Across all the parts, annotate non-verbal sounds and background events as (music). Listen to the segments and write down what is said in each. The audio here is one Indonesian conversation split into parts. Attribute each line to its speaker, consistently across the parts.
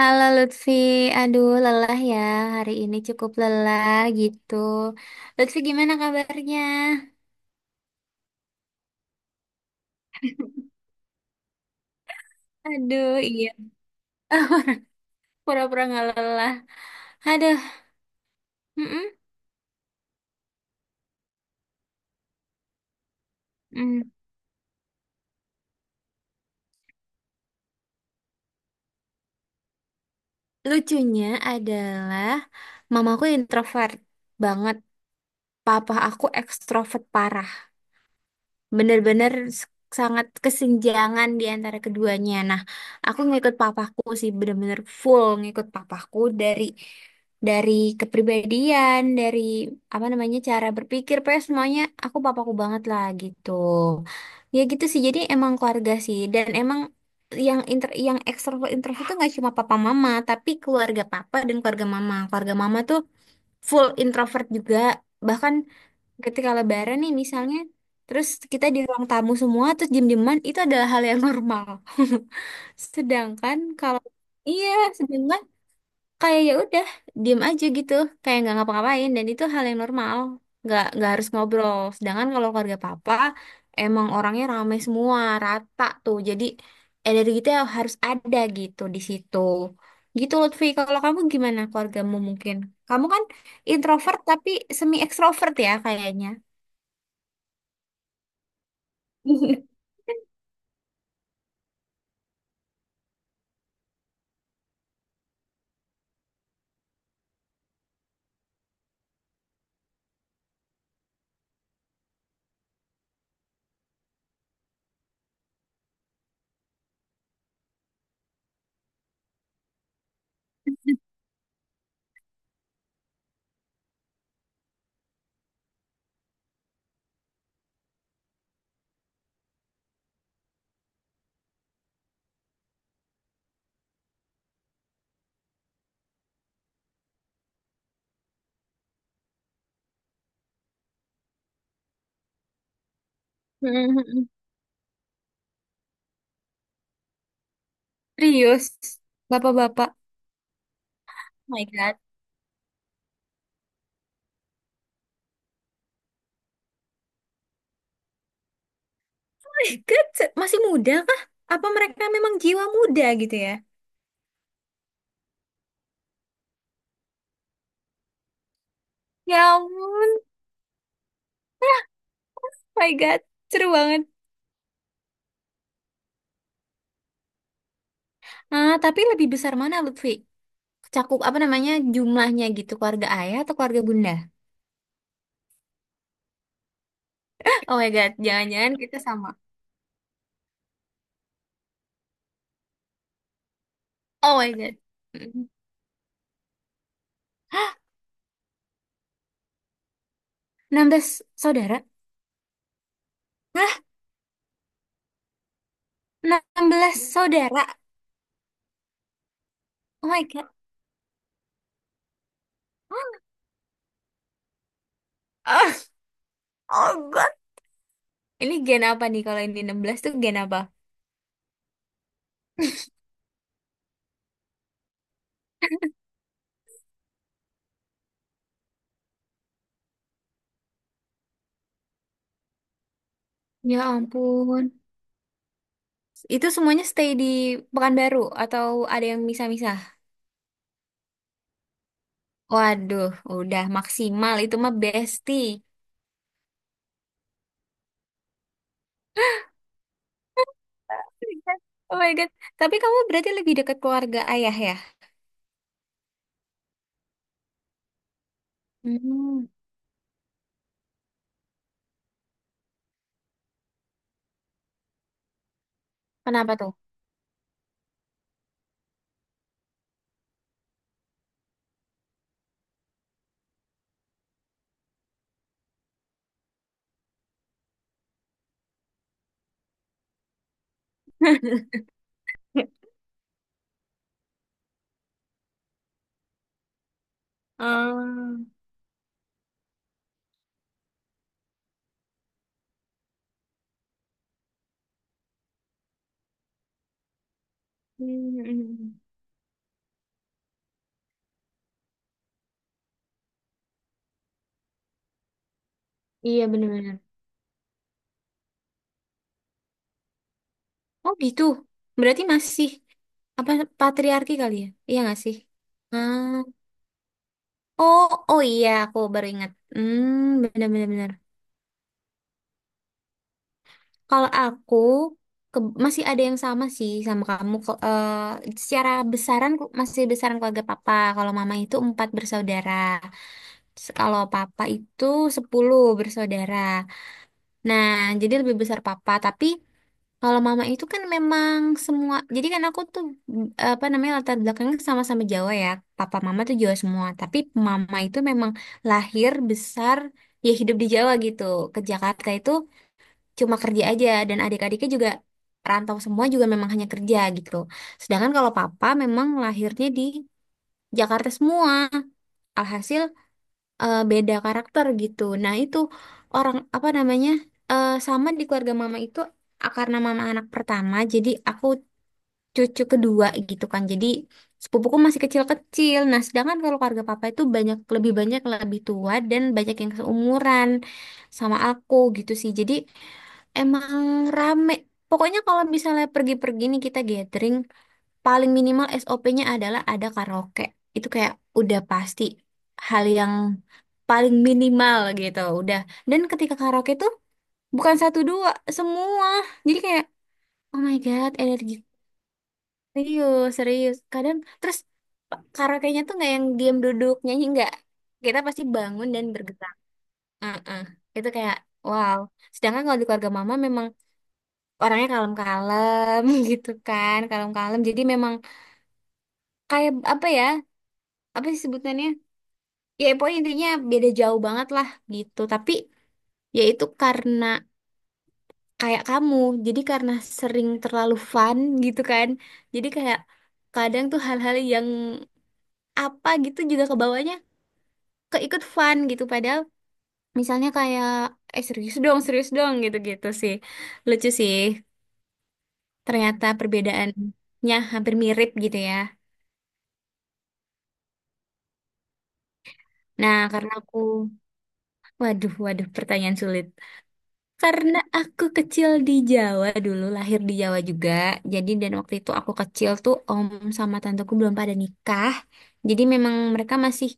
Speaker 1: Halo Lutfi, aduh lelah ya, hari ini cukup lelah gitu. Lutfi gimana kabarnya? Aduh iya, (laughs) pura-pura nggak lelah. Aduh, mm-mm. Mm. Lucunya adalah mamaku introvert banget, papa aku ekstrovert parah. Bener-bener s- sangat kesenjangan di antara keduanya. Nah, aku ngikut papaku sih bener-bener full ngikut papaku dari dari kepribadian, dari apa namanya cara berpikir, pokoknya semuanya aku papaku banget lah gitu. Ya gitu sih. Jadi emang keluarga sih dan emang yang inter yang ekstrovert introvert itu nggak cuma papa mama, tapi keluarga papa dan keluarga mama. Keluarga mama tuh full introvert juga. Bahkan ketika lebaran nih misalnya, terus kita di ruang tamu semua terus diem-dieman itu adalah hal yang normal. (laughs) Sedangkan kalau iya, sedangkan kayak ya udah diem aja gitu, kayak nggak ngapa-ngapain dan itu hal yang normal, nggak harus ngobrol. Sedangkan kalau keluarga papa emang orangnya rame semua, rata tuh, jadi energi kita harus ada gitu di situ. Gitu Lutfi, kalau kamu gimana keluargamu mungkin? Kamu kan introvert tapi semi ekstrovert ya kayaknya. (laughs) Serius, bapak-bapak. Oh my God. Oh my God, masih muda kah? Apa mereka memang jiwa muda gitu ya? Ya ampun, oh my God, seru banget. Ah, tapi lebih besar mana Lutfi? Cakup apa namanya jumlahnya gitu, keluarga ayah atau keluarga bunda? (laughs) Oh my God, jangan-jangan kita sama. Oh my God. Mm. 16 saudara? Hah? 16 saudara? Oh my God. Ah, oh God. Ini gen apa nih kalau ini 16 tuh gen apa? (laughs) Ya ampun. Itu semuanya stay di Pekanbaru atau ada yang misah-misah? Waduh, udah maksimal itu mah besti. Oh my God. Tapi kamu berarti lebih dekat keluarga ayah ya? Hmm, kenapa tuh? (laughs) Ah, hmm. Iya bener-bener. Oh gitu. Berarti masih apa patriarki kali ya? Iya nggak sih? Ah, oh, oh iya, aku baru ingat. Hmm, bener-bener. Kalau aku masih ada yang sama sih sama kamu. Secara besaran masih besaran keluarga papa. Kalau mama itu empat bersaudara. Kalau papa itu 10 bersaudara. Nah, jadi lebih besar papa. Tapi kalau mama itu kan memang semua. Jadi kan aku tuh mm, apa namanya latar belakangnya sama-sama Jawa ya. Papa mama tuh Jawa semua. Tapi mama itu memang lahir besar ya hidup di Jawa gitu. Ke Jakarta itu cuma kerja aja dan adik-adiknya juga rantau semua juga memang hanya kerja gitu. Sedangkan kalau papa memang lahirnya di Jakarta semua. Alhasil eh, beda karakter gitu. Nah, itu orang apa namanya? Eh, sama di keluarga mama itu ah, karena mama anak pertama, jadi aku cucu kedua gitu kan. Jadi sepupuku masih kecil-kecil. Nah, sedangkan kalau keluarga papa itu lebih banyak lebih tua dan banyak yang seumuran sama aku gitu sih. Jadi emang rame. Pokoknya kalau misalnya pergi-pergi nih kita gathering, paling minimal SOP-nya adalah ada karaoke. Itu kayak udah pasti hal yang paling minimal gitu, udah. Dan ketika karaoke tuh bukan satu dua, semua. Jadi kayak oh my god, energi serius, serius. Kadang terus karaoke-nya tuh nggak yang diam duduk nyanyi nggak. Kita pasti bangun dan bergerak. Heeh. Itu kayak wow. Sedangkan kalau di keluarga mama memang orangnya kalem-kalem (laughs) gitu kan kalem-kalem, jadi memang kayak apa ya, apa sih sebutannya, ya pokoknya intinya beda jauh banget lah gitu. Tapi ya itu karena kayak kamu, jadi karena sering terlalu fun gitu kan, jadi kayak kadang tuh hal-hal yang apa gitu juga kebawanya keikut fun gitu, padahal misalnya kayak eh serius dong, serius dong, gitu-gitu sih, lucu sih, ternyata perbedaannya hampir mirip gitu ya. Nah, karena aku Waduh, waduh, pertanyaan sulit. Karena aku kecil di Jawa dulu, lahir di Jawa juga. Jadi dan waktu itu aku kecil tuh om sama tanteku belum pada nikah. Jadi memang mereka masih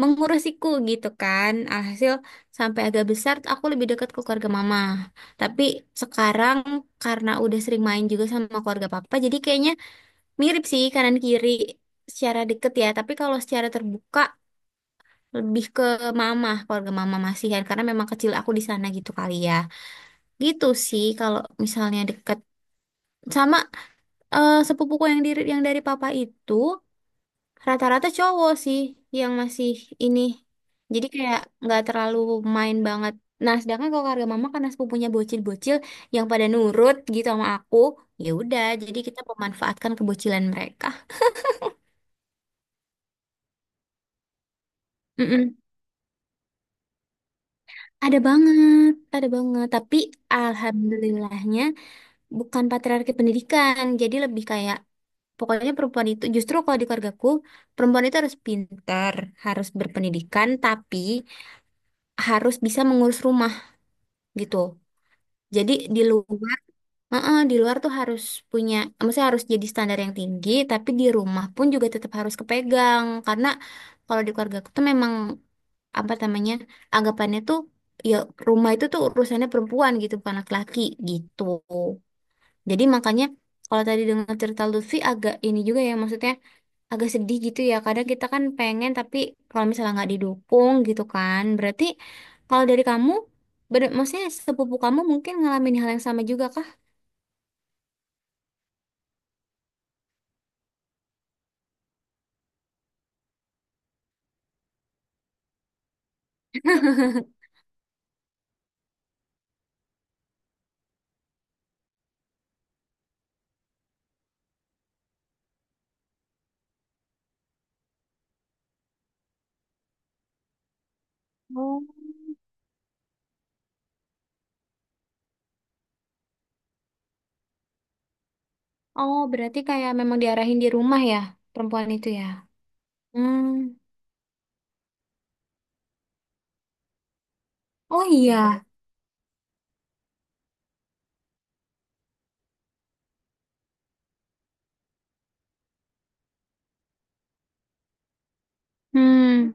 Speaker 1: mengurusiku gitu kan. Alhasil sampai agak besar tuh aku lebih dekat ke keluarga mama. Tapi sekarang karena udah sering main juga sama keluarga papa, jadi kayaknya mirip sih kanan kiri secara deket ya. Tapi kalau secara terbuka lebih ke mama, keluarga mama Masihan karena memang kecil aku di sana gitu kali ya. Gitu sih, kalau misalnya deket sama eh, sepupuku yang diri yang dari papa itu rata-rata cowok sih yang masih ini, jadi kayak nggak terlalu main banget. Nah, sedangkan kalau keluarga mama karena sepupunya bocil-bocil yang pada nurut gitu sama aku, ya udah jadi kita memanfaatkan kebocilan mereka. Mm-mm. Ada banget, ada banget. Tapi alhamdulillahnya bukan patriarki pendidikan, jadi lebih kayak pokoknya perempuan itu justru kalau di keluargaku perempuan itu harus pintar, harus berpendidikan, tapi harus bisa mengurus rumah gitu. Jadi di luar, heeh, di luar tuh harus punya, maksudnya harus jadi standar yang tinggi, tapi di rumah pun juga tetap harus kepegang karena kalau di keluargaku tuh memang apa namanya anggapannya tuh ya rumah itu tuh urusannya perempuan gitu bukan laki-laki gitu. Jadi makanya kalau tadi dengar cerita Lutfi agak ini juga ya, maksudnya agak sedih gitu ya. Kadang kita kan pengen tapi kalau misalnya nggak didukung gitu kan. Berarti kalau dari kamu, bener, maksudnya sepupu kamu mungkin ngalamin hal yang sama juga kah? Oh, oh berarti kayak memang diarahin di rumah ya perempuan itu ya. Hmm. Oh iya. Hmm.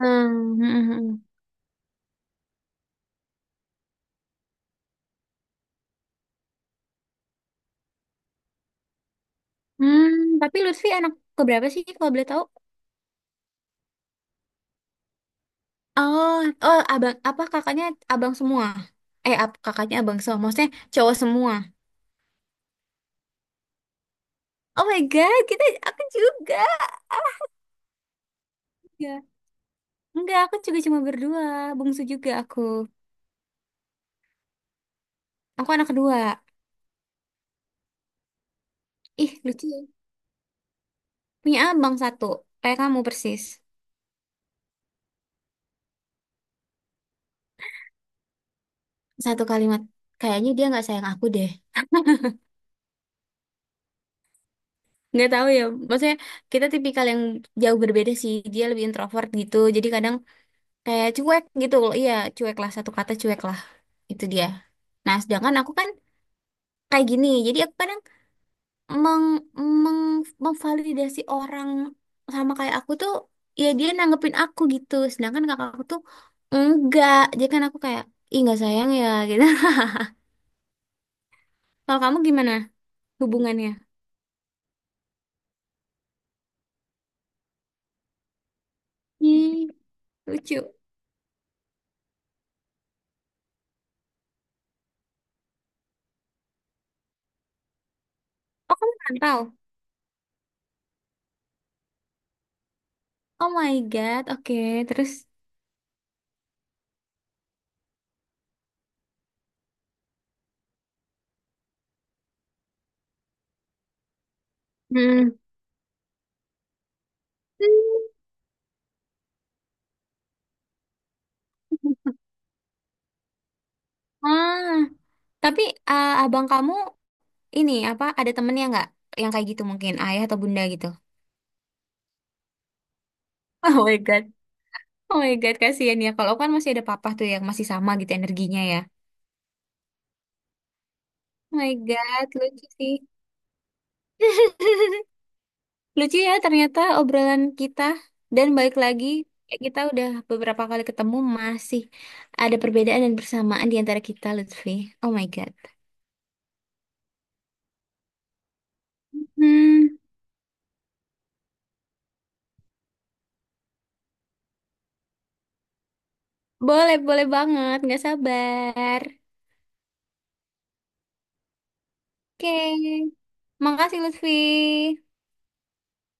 Speaker 1: Hmm. Hmm. Hmm, hmm. Hmm. Tapi Lutfi anak keberapa sih kalau boleh tahu? Oh, oh, abang, apa kakaknya abang semua? Eh, kakaknya abang semua, maksudnya cowok semua. Oh my God, kita, aku juga. Ya. Enggak, aku juga cuma berdua, bungsu juga aku. Aku anak kedua. Ih, lucu, ya. Punya abang satu, kayak kamu persis. Satu kalimat, kayaknya dia nggak sayang aku deh. Nggak tahu ya, maksudnya kita tipikal yang jauh berbeda sih. Dia lebih introvert gitu, jadi kadang kayak cuek gitu, loh. Iya, cuek lah, satu kata cuek lah. Itu dia. Nah, sedangkan aku kan kayak gini. Jadi aku kadang meng meng memvalidasi orang sama kayak aku tuh, ya dia nanggepin aku gitu, sedangkan kakak aku tuh enggak, jadi kan aku kayak ih nggak sayang ya gitu. (laughs) Kalau kamu gimana hubungannya? Hmm, lucu. Oh kamu rantau. Oh my god, oke. Terus hmm. Hmm. Ah tapi ah, abang kamu ini apa ada temennya nggak yang kayak gitu mungkin ayah atau bunda gitu? (laughs) Oh my God. Oh my God, kasihan ya. Kalau aku kan masih ada papa tuh yang masih sama gitu energinya ya. Oh my God, lucu sih. Lucu ya ternyata obrolan kita. Dan balik lagi, kayak kita udah beberapa kali ketemu masih ada perbedaan dan persamaan di antara kita, Lutfi. Oh my God. Hmm, boleh, boleh banget. Nggak sabar. Oke. Makasih, Lutfi.